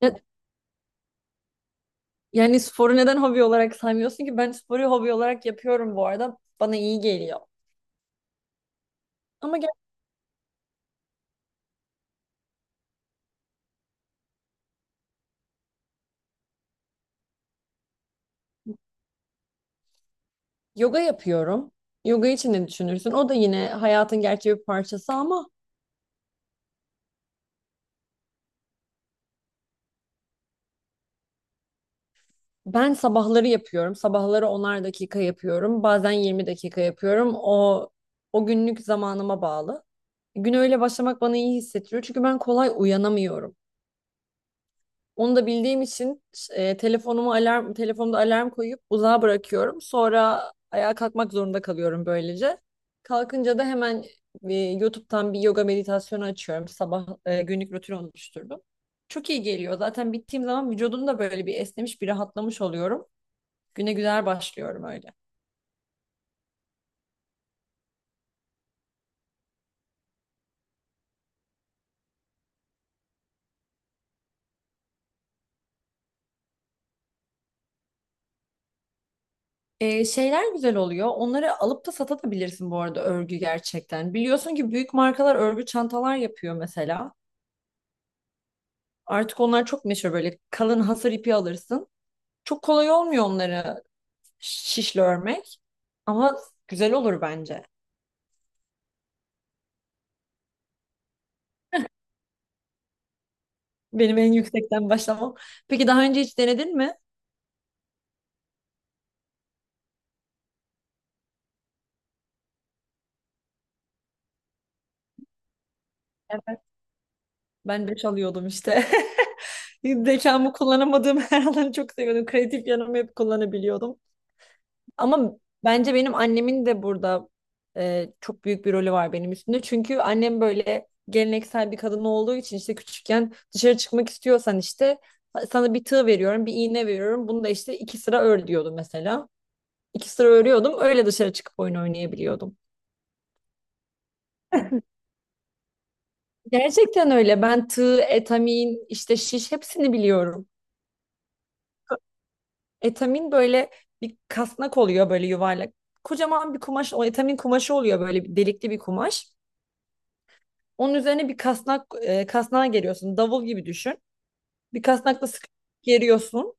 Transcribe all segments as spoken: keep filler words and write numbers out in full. Ya- Yani sporu neden hobi olarak saymıyorsun ki? Ben sporu hobi olarak yapıyorum bu arada. Bana iyi geliyor. Ama gel yoga yapıyorum. Yoga için ne düşünürsün? O da yine hayatın gerçek bir parçası, ama ben sabahları yapıyorum. Sabahları onar dakika yapıyorum. Bazen yirmi dakika yapıyorum. O o günlük zamanıma bağlı. Güne öyle başlamak bana iyi hissettiriyor. Çünkü ben kolay uyanamıyorum. Onu da bildiğim için e, telefonumu alarm telefonda alarm koyup uzağa bırakıyorum. Sonra ayağa kalkmak zorunda kalıyorum böylece. Kalkınca da hemen e, YouTube'dan bir yoga meditasyonu açıyorum. Sabah e, günlük rutin oluşturdum. Çok iyi geliyor. Zaten bittiğim zaman vücudum da böyle bir esnemiş, bir rahatlamış oluyorum. Güne güzel başlıyorum öyle. Ee, şeyler güzel oluyor. Onları alıp da satabilirsin bu arada örgü gerçekten. Biliyorsun ki büyük markalar örgü çantalar yapıyor mesela. Artık onlar çok meşhur, böyle kalın hasır ipi alırsın. Çok kolay olmuyor onları şişle örmek. Ama güzel olur bence. Benim en yüksekten başlamam. Peki daha önce hiç denedin mi? Evet. Ben beş alıyordum işte. Zekamı kullanamadığım her alanı çok seviyordum. Kreatif yanımı hep kullanabiliyordum. Ama bence benim annemin de burada e, çok büyük bir rolü var benim üstümde. Çünkü annem böyle geleneksel bir kadın olduğu için, işte küçükken dışarı çıkmak istiyorsan işte sana bir tığ veriyorum, bir iğne veriyorum. Bunu da işte iki sıra ör diyordu mesela. İki sıra örüyordum. Öyle dışarı çıkıp oyun oynayabiliyordum. Gerçekten öyle. Ben tığ, etamin, işte şiş, hepsini biliyorum. Etamin böyle bir kasnak oluyor, böyle yuvarlak. Kocaman bir kumaş, o etamin kumaşı oluyor, böyle bir delikli bir kumaş. Onun üzerine bir kasnak, e, kasnağa geriyorsun. Davul gibi düşün. Bir kasnakla sıkı geriyorsun.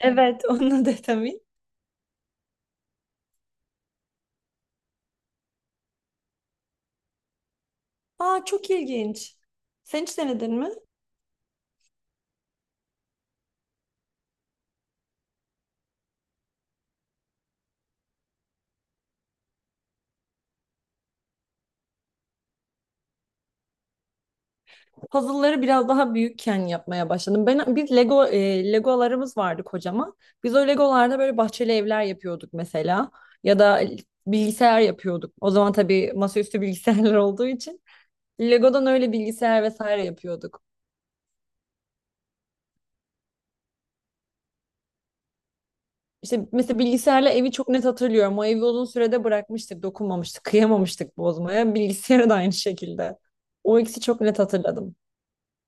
Evet, onun adı etamin. Aa, çok ilginç. Sen hiç denedin mi? Puzzle'ları biraz daha büyükken yapmaya başladım. Ben biz Lego, e, Legolarımız vardı kocaman. Biz o Legolarda böyle bahçeli evler yapıyorduk mesela, ya da bilgisayar yapıyorduk. O zaman tabii masaüstü bilgisayarlar olduğu için Lego'dan öyle bilgisayar vesaire yapıyorduk. İşte mesela bilgisayarla evi çok net hatırlıyorum. O evi uzun sürede bırakmıştık, dokunmamıştık, kıyamamıştık bozmaya. Bilgisayarı da aynı şekilde. O ikisi çok net hatırladım.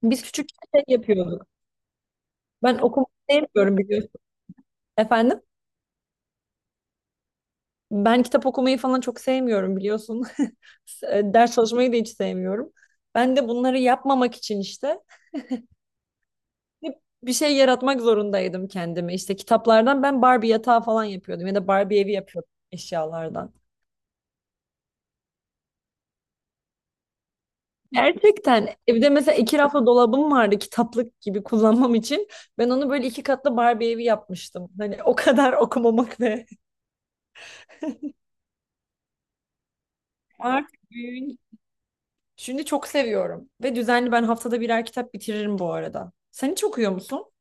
Biz küçük şey yapıyorduk. Ben okumak sevmiyorum biliyorsun. Efendim? Ben kitap okumayı falan çok sevmiyorum biliyorsun. Ders çalışmayı da hiç sevmiyorum. Ben de bunları yapmamak için işte hep bir şey yaratmak zorundaydım kendime. İşte kitaplardan ben Barbie yatağı falan yapıyordum, ya da Barbie evi yapıyordum eşyalardan. Gerçekten evde mesela iki raflı dolabım vardı kitaplık gibi kullanmam için. Ben onu böyle iki katlı Barbie evi yapmıştım. Hani o kadar okumamak ve artık büyüyünce. Şimdi çok seviyorum ve düzenli, ben haftada birer kitap bitiririm bu arada. Sen hiç okuyor musun?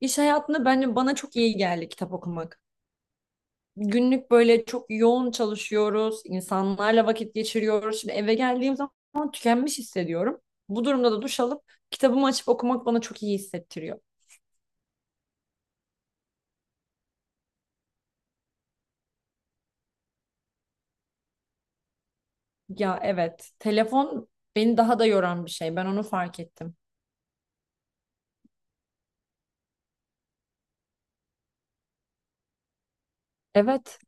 İş hayatında bence bana çok iyi geldi kitap okumak. Günlük böyle çok yoğun çalışıyoruz, insanlarla vakit geçiriyoruz. Şimdi eve geldiğim zaman tükenmiş hissediyorum. Bu durumda da duş alıp kitabımı açıp okumak bana çok iyi hissettiriyor. Ya evet, telefon beni daha da yoran bir şey. Ben onu fark ettim. Evet.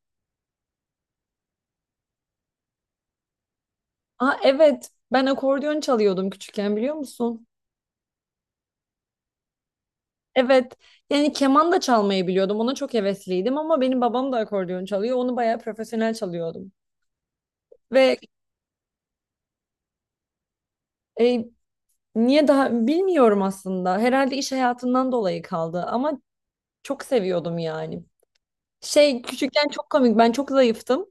Aa evet, ben akordeon çalıyordum küçükken, biliyor musun? Evet. Yani keman da çalmayı biliyordum. Ona çok hevesliydim ama benim babam da akordeon çalıyor. Onu bayağı profesyonel çalıyordum. Ve e, Niye daha bilmiyorum aslında. Herhalde iş hayatından dolayı kaldı ama çok seviyordum yani. Şey küçükken çok komik. Ben çok zayıftım.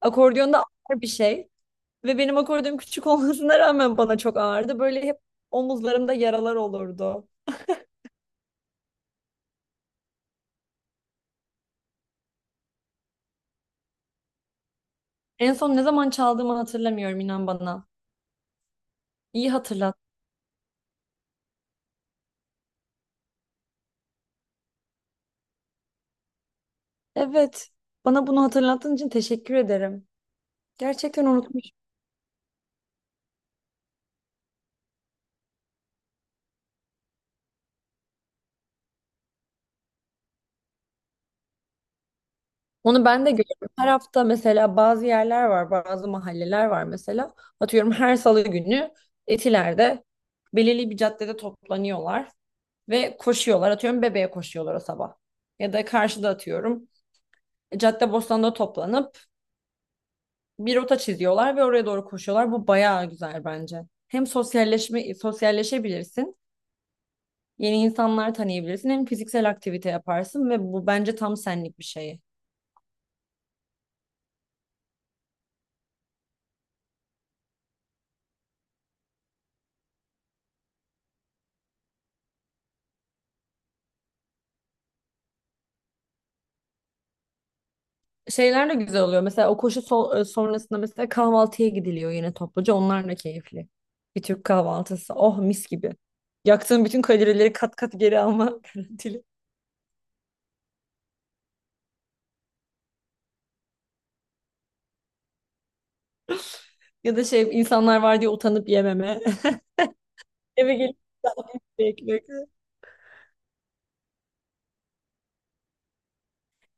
Akordiyonda ağır bir şey ve benim akordiyonum küçük olmasına rağmen bana çok ağırdı. Böyle hep omuzlarımda yaralar olurdu. En son ne zaman çaldığımı hatırlamıyorum, inan bana. İyi hatırlat. Evet. Bana bunu hatırlattığın için teşekkür ederim. Gerçekten unutmuşum. Onu ben de görüyorum. Her hafta mesela bazı yerler var, bazı mahalleler var mesela. Atıyorum her salı günü Etiler'de belirli bir caddede toplanıyorlar ve koşuyorlar. Atıyorum Bebe'ye koşuyorlar o sabah. Ya da karşıda atıyorum Caddebostan'da toplanıp bir rota çiziyorlar ve oraya doğru koşuyorlar. Bu bayağı güzel bence. Hem sosyalleşme sosyalleşebilirsin Yeni insanlar tanıyabilirsin. Hem fiziksel aktivite yaparsın ve bu bence tam senlik bir şey. Şeyler de güzel oluyor. Mesela o koşu so- e, sonrasında mesela kahvaltıya gidiliyor yine topluca. Onlar da keyifli. Bir Türk kahvaltısı. Oh, mis gibi. Yaktığın bütün kalorileri kat kat geri alma garantili. Ya da şey, insanlar var diye utanıp yememe. Eve gelip ekmek.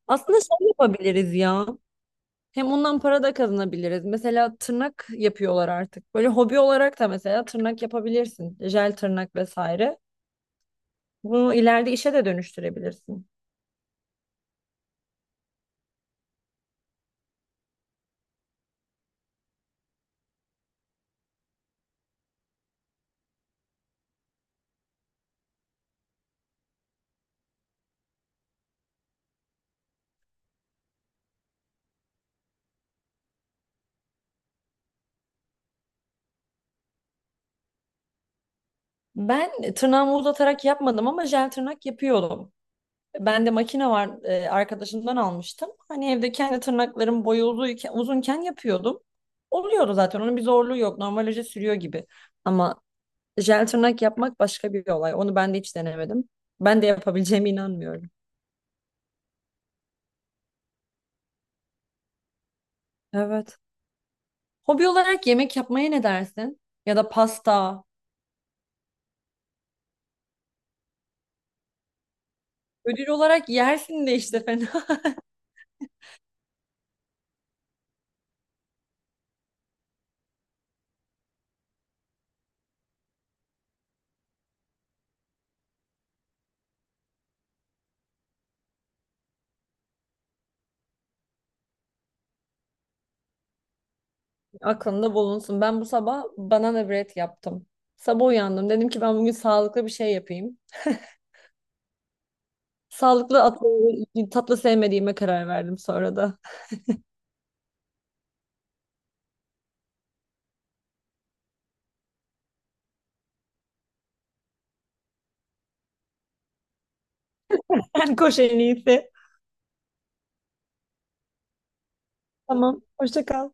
Aslında şey yapabiliriz ya. Hem ondan para da kazanabiliriz. Mesela tırnak yapıyorlar artık. Böyle hobi olarak da mesela tırnak yapabilirsin. Jel tırnak vesaire. Bunu ileride işe de dönüştürebilirsin. Ben tırnağımı uzatarak yapmadım ama jel tırnak yapıyordum. Bende makine var, e, arkadaşımdan almıştım. Hani evde kendi tırnaklarım boyu uzuyken- uzunken yapıyordum. Oluyordu zaten. Onun bir zorluğu yok. Normalaja sürüyor gibi. Ama jel tırnak yapmak başka bir olay. Onu ben de hiç denemedim. Ben de yapabileceğime inanmıyorum. Evet. Hobi olarak yemek yapmaya ne dersin? Ya da pasta. Ödül olarak yersin de işte, fena. Aklında bulunsun. Ben bu sabah banana bread yaptım. Sabah uyandım. Dedim ki ben bugün sağlıklı bir şey yapayım. Sağlıklı atlı, tatlı sevmediğime karar verdim sonra da. Ben koş en iyisi. Tamam. Hoşça kal.